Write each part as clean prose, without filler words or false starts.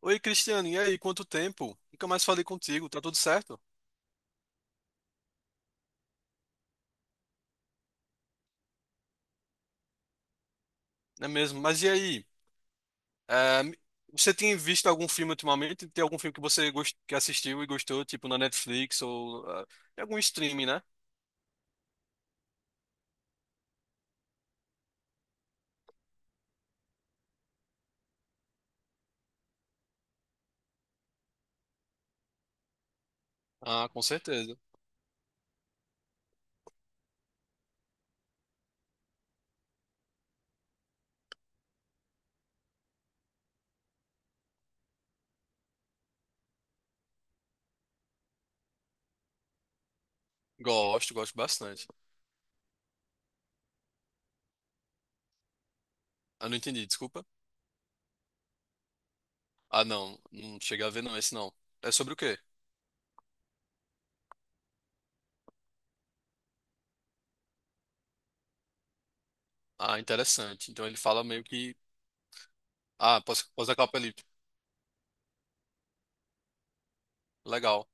Oi, Cristiano, e aí? Quanto tempo? Nunca mais falei contigo, tá tudo certo? Não é mesmo? Mas e aí? É, me- Você tem visto algum filme ultimamente? Tem algum filme que você que assistiu e gostou, tipo na Netflix ou em algum streaming, né? Ah, com certeza. Gosto, gosto bastante. Ah, não entendi, desculpa. Ah, não, não cheguei a ver não, esse não. É sobre o quê? Ah, interessante. Então ele fala meio que. Ah, pós-apocalipse. Legal.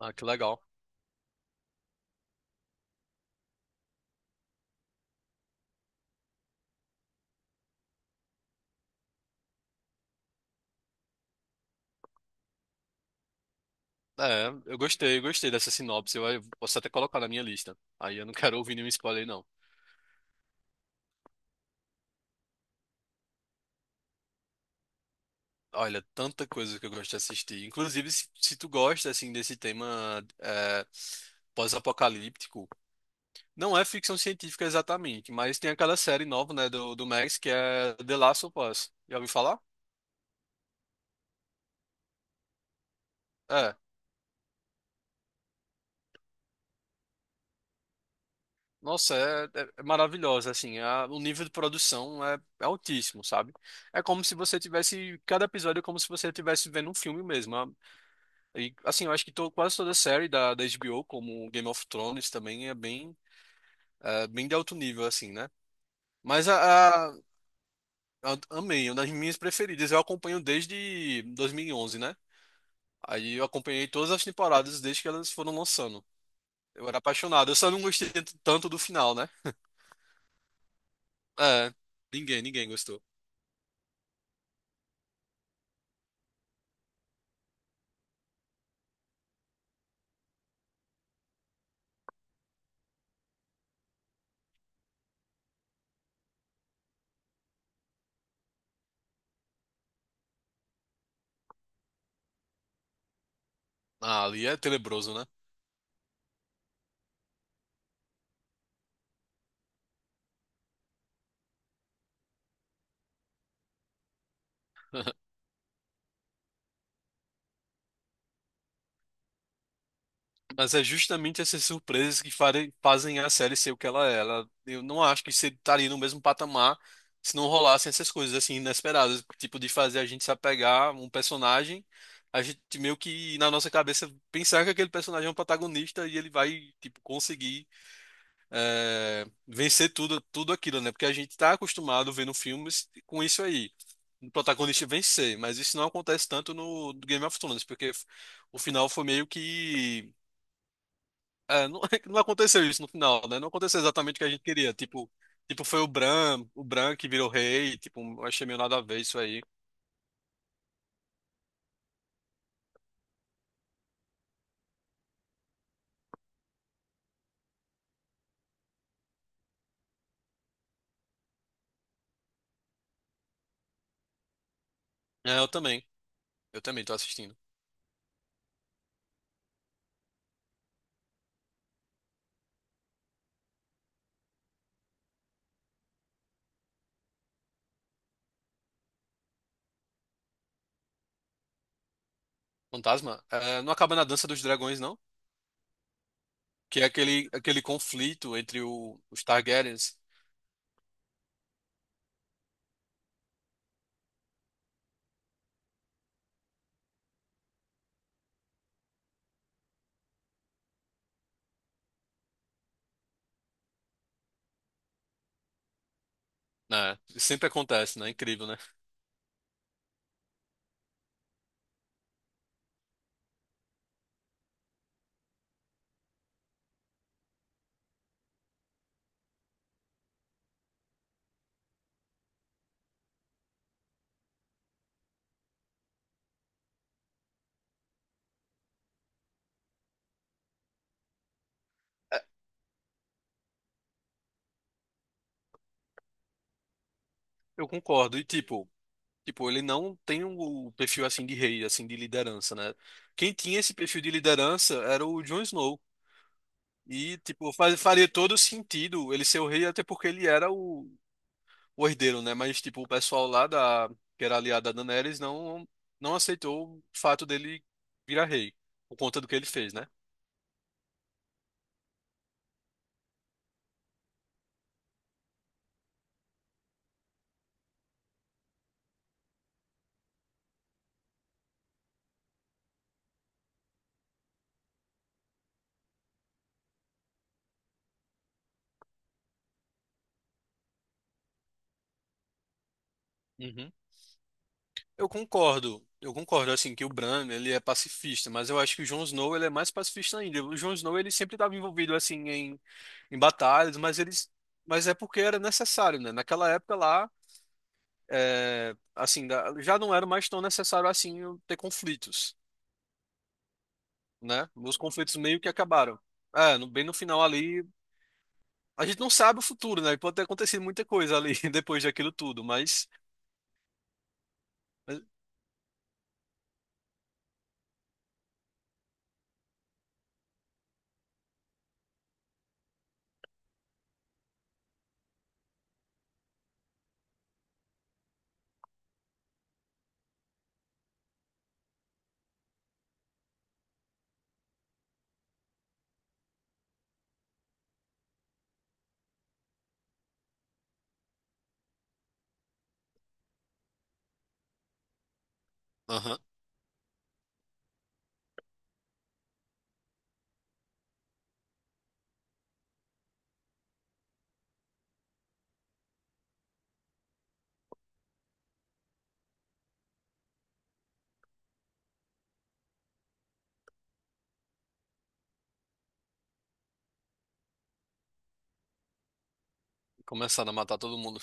Ah, que legal. É, eu gostei dessa sinopse. Eu posso até colocar na minha lista. Aí eu não quero ouvir nenhum spoiler, não. Olha, tanta coisa que eu gosto de assistir. Inclusive, se tu gosta, assim, desse tema, pós-apocalíptico, não é ficção científica exatamente, mas tem aquela série nova, né, do Max, que é The Last of Us. Já ouviu falar? É. Nossa, é maravilhosa, assim. O nível de produção é altíssimo, sabe? É como se você tivesse... Cada episódio é como se você estivesse vendo um filme mesmo. E, assim, eu acho que quase toda série da, da HBO, como Game of Thrones, também é bem, bem de alto nível, assim, né? Mas a, a, amei, uma das minhas preferidas. Eu acompanho desde 2011, né? Aí eu acompanhei todas as temporadas desde que elas foram lançando. Eu era apaixonado. Eu só não gostei tanto do final, né? É, ninguém gostou. Ah, ali é tenebroso, né? Mas é justamente essas surpresas que fazem a série ser o que ela é. Ela, eu não acho que você estaria no mesmo patamar se não rolassem essas coisas assim inesperadas, tipo de fazer a gente se apegar a um personagem, a gente meio que na nossa cabeça pensar que aquele personagem é um protagonista e ele vai tipo conseguir vencer tudo, tudo aquilo, né? Porque a gente está acostumado vendo filmes com isso aí. O protagonista vencer, mas isso não acontece tanto no Game of Thrones, porque o final foi meio que não, não aconteceu isso no final, né? Não aconteceu exatamente o que a gente queria. Tipo, tipo foi o Bran que virou rei. Tipo, eu achei meio nada a ver isso aí. É, eu também. Eu também tô assistindo. Fantasma, é, não acaba na Dança dos Dragões, não? Que é aquele, aquele conflito entre os Targaryens, né? Sempre acontece, né? Incrível, né? É, eu concordo. E tipo, tipo, ele não tem um, o perfil assim de rei, assim, de liderança, né? Quem tinha esse perfil de liderança era o Jon Snow. E, tipo, faria todo sentido ele ser o rei, até porque ele era o herdeiro, né? Mas, tipo, o pessoal lá da, que era aliado a Daenerys não, não aceitou o fato dele virar rei, por conta do que ele fez, né? Uhum. Eu concordo, assim, que o Bran, ele é pacifista, mas eu acho que o Jon Snow, ele é mais pacifista ainda. O Jon Snow, ele sempre estava envolvido, assim, em batalhas, mas eles, mas é porque era necessário, né? Naquela época lá, é, assim, já não era mais tão necessário, assim, ter conflitos. Né? Meus conflitos meio que acabaram. É, bem no final ali, a gente não sabe o futuro, né? Pode ter acontecido muita coisa ali depois daquilo tudo, mas- aham, começaram a matar todo mundo.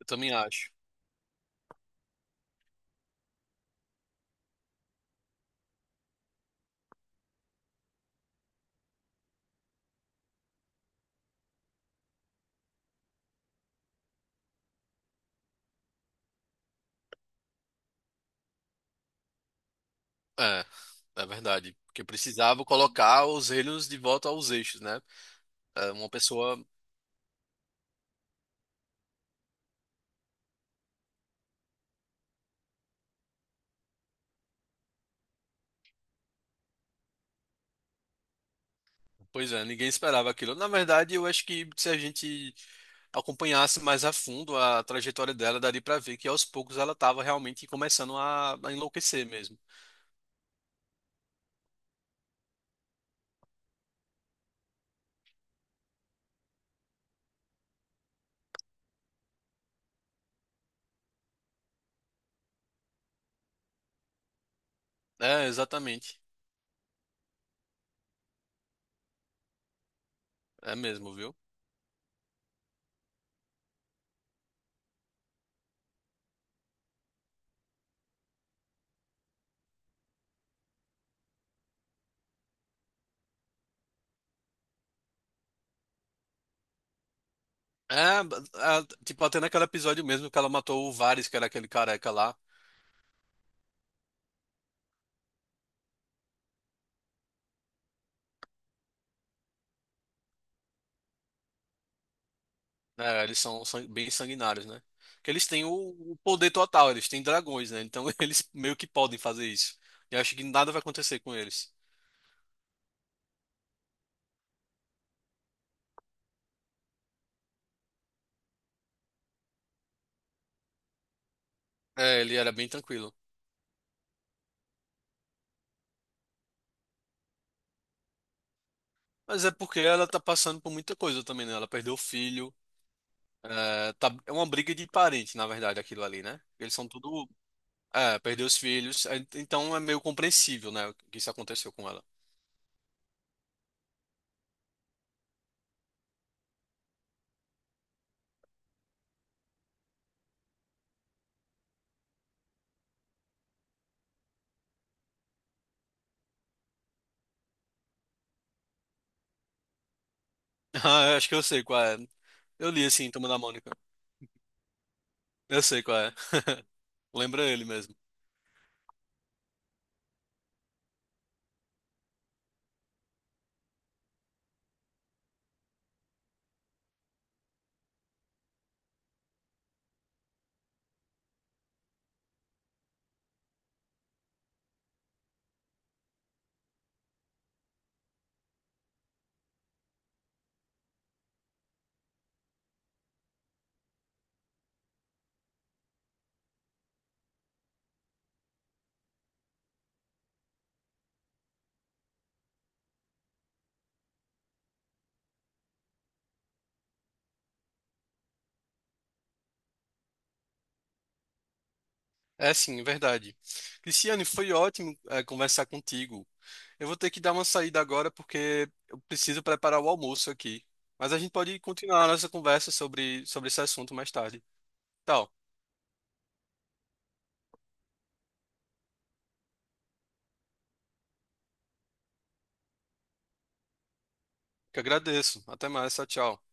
Eu também acho. É, é verdade, porque precisava colocar os relhos de volta aos eixos, né? É, uma pessoa, pois é, ninguém esperava aquilo. Na verdade, eu acho que se a gente acompanhasse mais a fundo a trajetória dela, daria pra ver que aos poucos ela tava realmente começando a enlouquecer mesmo. É, exatamente. É mesmo, viu? É, tipo, até naquele episódio mesmo que ela matou o Varys, que era aquele careca lá, né? Eles são bem sanguinários, né? Porque eles têm o poder total, eles têm dragões, né? Então eles meio que podem fazer isso. Eu acho que nada vai acontecer com eles. É, ele era bem tranquilo. Mas é porque ela tá passando por muita coisa também, né? Ela perdeu o filho. É, tá, é uma briga de parente, na verdade, aquilo ali, né? Eles são tudo. É, perdeu os filhos, é, então é meio compreensível, né, o que isso aconteceu com ela. Ah, eu acho que eu sei qual é. Eu li assim, Turma da Mônica. Eu sei qual é. Lembra ele mesmo. É sim, é verdade. Cristiane, foi ótimo, conversar contigo. Eu vou ter que dar uma saída agora porque eu preciso preparar o almoço aqui. Mas a gente pode continuar a nossa conversa sobre, sobre esse assunto mais tarde. Tal, que agradeço. Até mais, tchau, tchau.